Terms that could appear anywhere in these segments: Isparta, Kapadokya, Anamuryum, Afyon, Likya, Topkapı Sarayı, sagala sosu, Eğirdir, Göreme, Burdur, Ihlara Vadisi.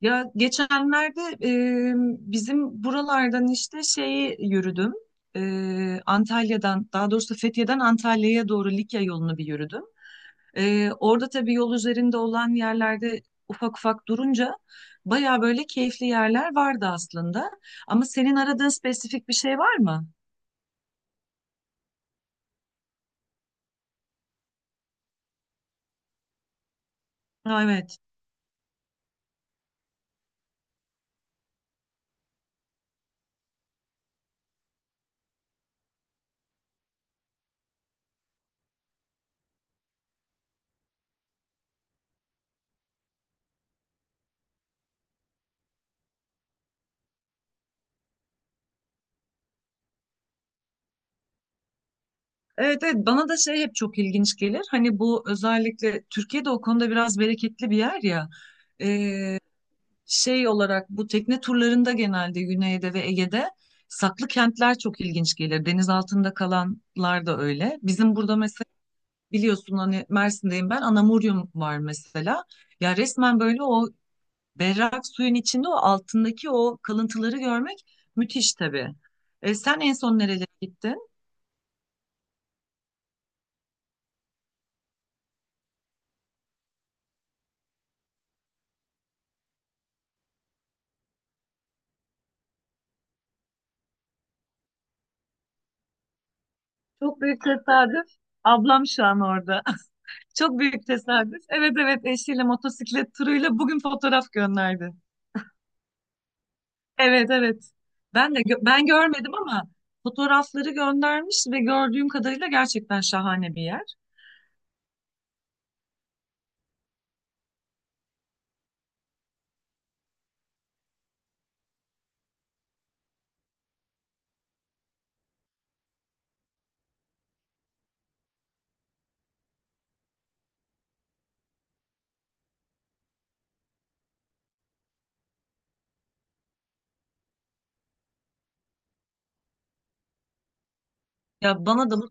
Ya geçenlerde e, bizim buralardan işte şeyi yürüdüm. Antalya'dan daha doğrusu Fethiye'den Antalya'ya doğru Likya yolunu bir yürüdüm. Orada tabii yol üzerinde olan yerlerde ufak ufak durunca baya böyle keyifli yerler vardı aslında. Ama senin aradığın spesifik bir şey var mı? Ha, evet. Evet, evet, bana da şey hep çok ilginç gelir. Hani bu özellikle Türkiye'de o konuda biraz bereketli bir yer ya. Şey olarak bu tekne turlarında genelde Güney'de ve Ege'de saklı kentler çok ilginç gelir. Deniz altında kalanlar da öyle. Bizim burada mesela biliyorsun hani Mersin'deyim ben, Anamuryum var mesela. Ya resmen böyle o berrak suyun içinde o altındaki o kalıntıları görmek müthiş tabii. Sen en son nerelere gittin? Çok büyük tesadüf. Ablam şu an orada. Çok büyük tesadüf. Evet, evet, eşiyle motosiklet turuyla bugün fotoğraf gönderdi. Evet, evet. Ben görmedim ama fotoğrafları göndermiş ve gördüğüm kadarıyla gerçekten şahane bir yer. Ya bana da bu,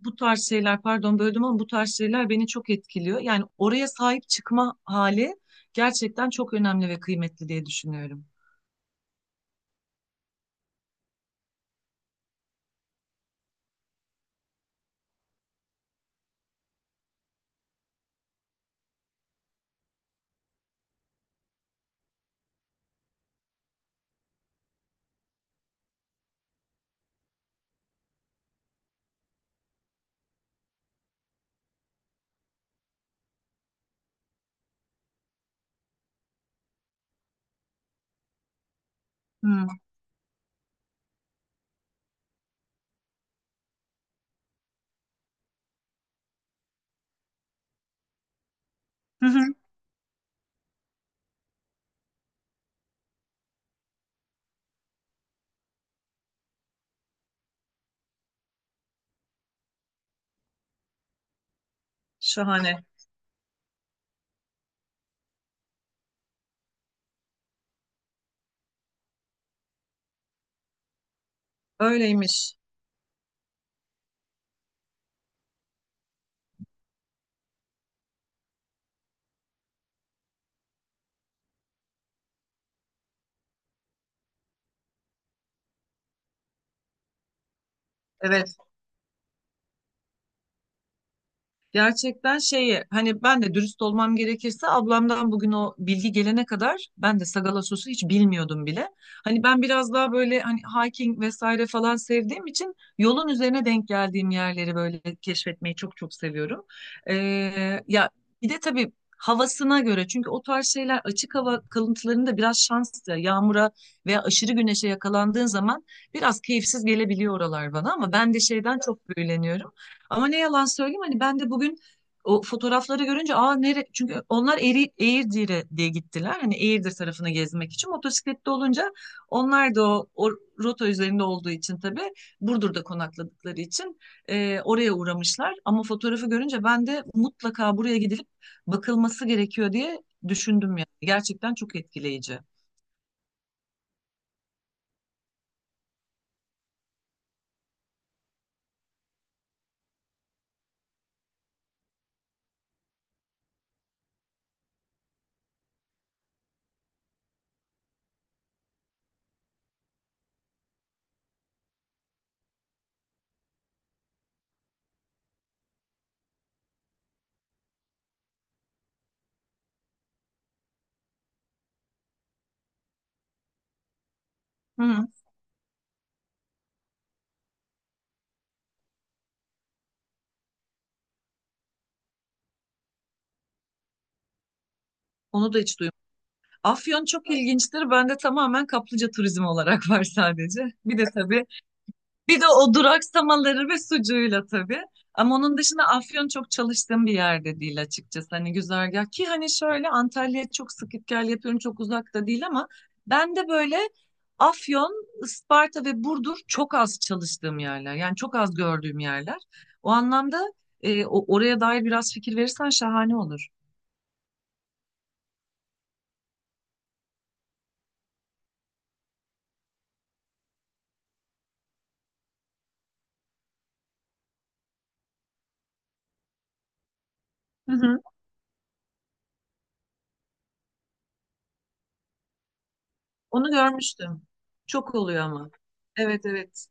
Bu tarz şeyler, pardon böldüm, ama bu tarz şeyler beni çok etkiliyor. Yani oraya sahip çıkma hali gerçekten çok önemli ve kıymetli diye düşünüyorum. Hmm. Hı hı. Şahane. Öyleymiş. Evet. Gerçekten şeyi, hani ben de dürüst olmam gerekirse ablamdan bugün o bilgi gelene kadar ben de sagala sosu hiç bilmiyordum bile. Hani ben biraz daha böyle hani hiking vesaire falan sevdiğim için yolun üzerine denk geldiğim yerleri böyle keşfetmeyi çok çok seviyorum. Ee, Ya bir de tabii havasına göre, çünkü o tarz şeyler açık hava kalıntılarında biraz şans, yağmura veya aşırı güneşe yakalandığın zaman biraz keyifsiz gelebiliyor oralar bana, ama ben de şeyden çok büyüleniyorum. Ama ne yalan söyleyeyim, hani ben de bugün o fotoğrafları görünce aa nere, çünkü onlar Eğirdir'e diye gittiler. Hani Eğirdir tarafını gezmek için motosiklette olunca onlar da o rota üzerinde olduğu için tabii Burdur'da konakladıkları için oraya uğramışlar. Ama fotoğrafı görünce ben de mutlaka buraya gidilip bakılması gerekiyor diye düşündüm yani. Gerçekten çok etkileyici. Hı, onu da hiç duymadım. Afyon çok ilginçtir. Bende tamamen kaplıca turizmi olarak var sadece. Bir de tabii bir de o duraksamaları ve sucuğuyla tabii. Ama onun dışında Afyon çok çalıştığım bir yerde değil açıkçası. Hani güzergah ki hani şöyle Antalya'ya çok sık gel yapıyorum, çok uzakta değil, ama ben de böyle Afyon, Isparta ve Burdur çok az çalıştığım yerler. Yani çok az gördüğüm yerler. O anlamda oraya dair biraz fikir verirsen şahane olur. Hı hı. Onu görmüştüm. Çok oluyor ama. Evet, evet.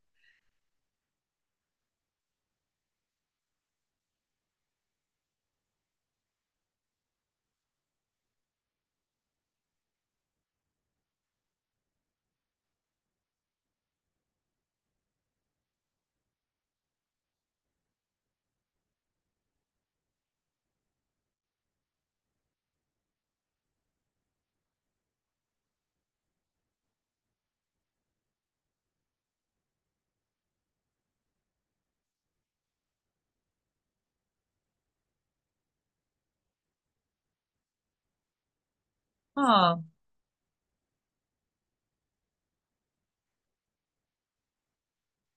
Ha.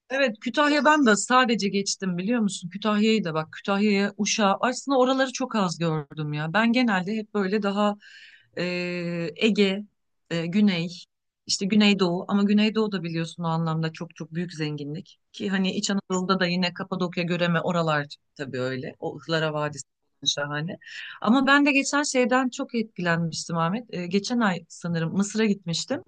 Evet, Kütahya'dan da sadece geçtim biliyor musun? Kütahya'yı da bak, Kütahya'ya, Uşak'a aslında oraları çok az gördüm ya. Ben genelde hep böyle daha e, Ege, Güney, işte Güneydoğu, ama Güneydoğu da biliyorsun o anlamda çok çok büyük zenginlik. Ki hani İç Anadolu'da da yine Kapadokya, Göreme, oralar tabii öyle. O Ihlara Vadisi şahane. Ama ben de geçen şeyden çok etkilenmiştim Ahmet. Geçen ay sanırım Mısır'a gitmiştim.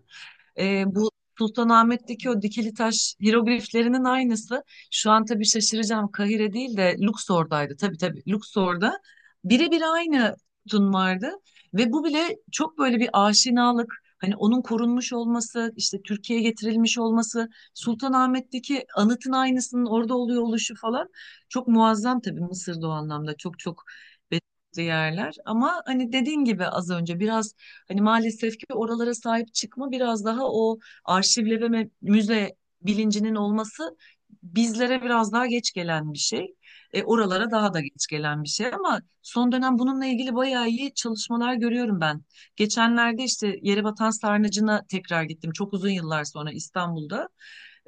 Bu Sultanahmet'teki o dikili taş hirogliflerinin aynısı. Şu an tabii şaşıracağım. Kahire değil de Luxor'daydı. Tabii tabii, Luxor'da. Birebir aynı sütun vardı. Ve bu bile çok böyle bir aşinalık. Hani onun korunmuş olması, işte Türkiye'ye getirilmiş olması, Sultanahmet'teki anıtın aynısının orada oluyor oluşu falan, çok muazzam tabii Mısır'da o anlamda çok çok belirli yerler. Ama hani dediğin gibi az önce biraz, hani maalesef ki oralara sahip çıkma biraz daha o arşivleme ve müze bilincinin olması bizlere biraz daha geç gelen bir şey. Oralara daha da geç gelen bir şey, ama son dönem bununla ilgili bayağı iyi çalışmalar görüyorum ben. Geçenlerde işte Yerebatan Sarnıcı'na tekrar gittim. Çok uzun yıllar sonra İstanbul'da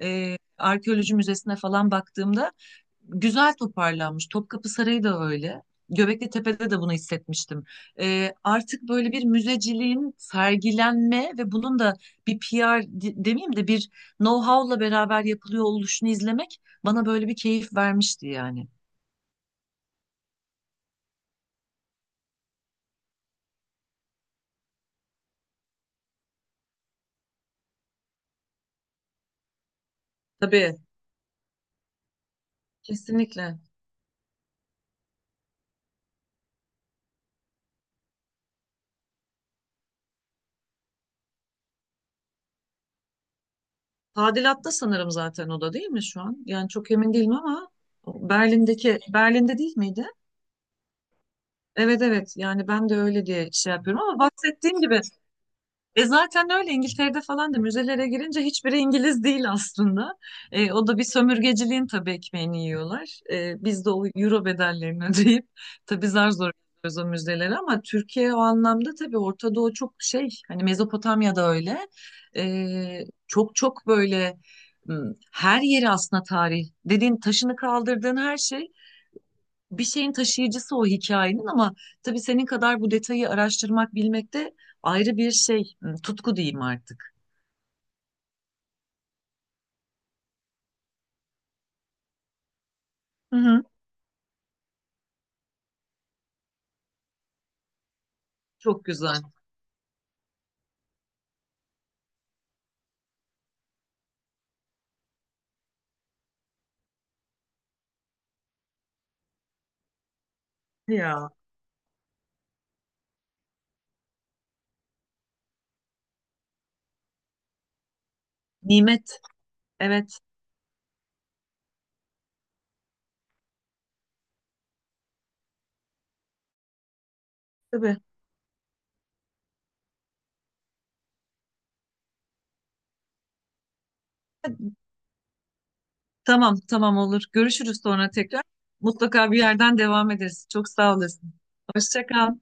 arkeoloji müzesine falan baktığımda güzel toparlanmış. Topkapı Sarayı da öyle. Göbekli Tepe'de de bunu hissetmiştim. Artık böyle bir müzeciliğin sergilenme ve bunun da bir demeyeyim de bir know-how'la beraber yapılıyor oluşunu izlemek bana böyle bir keyif vermişti yani. Tabii, kesinlikle. Tadilatta sanırım zaten o da değil mi şu an? Yani çok emin değilim ama Berlin'deki, Berlin'de değil miydi? Evet, evet, yani ben de öyle diye şey yapıyorum ama bahsettiğim gibi e zaten öyle İngiltere'de falan da müzelere girince hiçbiri İngiliz değil aslında. E, o da bir sömürgeciliğin tabii ekmeğini yiyorlar. E, biz de o euro bedellerini ödeyip tabii zar zor gidiyoruz o müzelere, ama Türkiye o anlamda tabii Orta Doğu çok şey, hani Mezopotamya'da öyle. Çok çok böyle m, her yeri aslında tarih dediğin, taşını kaldırdığın her şey bir şeyin taşıyıcısı, o hikayenin, ama tabii senin kadar bu detayı araştırmak bilmek de ayrı bir şey, hmm, tutku diyeyim artık. Hı hı. Çok güzel. Ya. Nimet. Evet. Tabii. Tamam, tamam, olur. Görüşürüz sonra tekrar. Mutlaka bir yerden devam ederiz. Çok sağ olasın. Hoşça kal.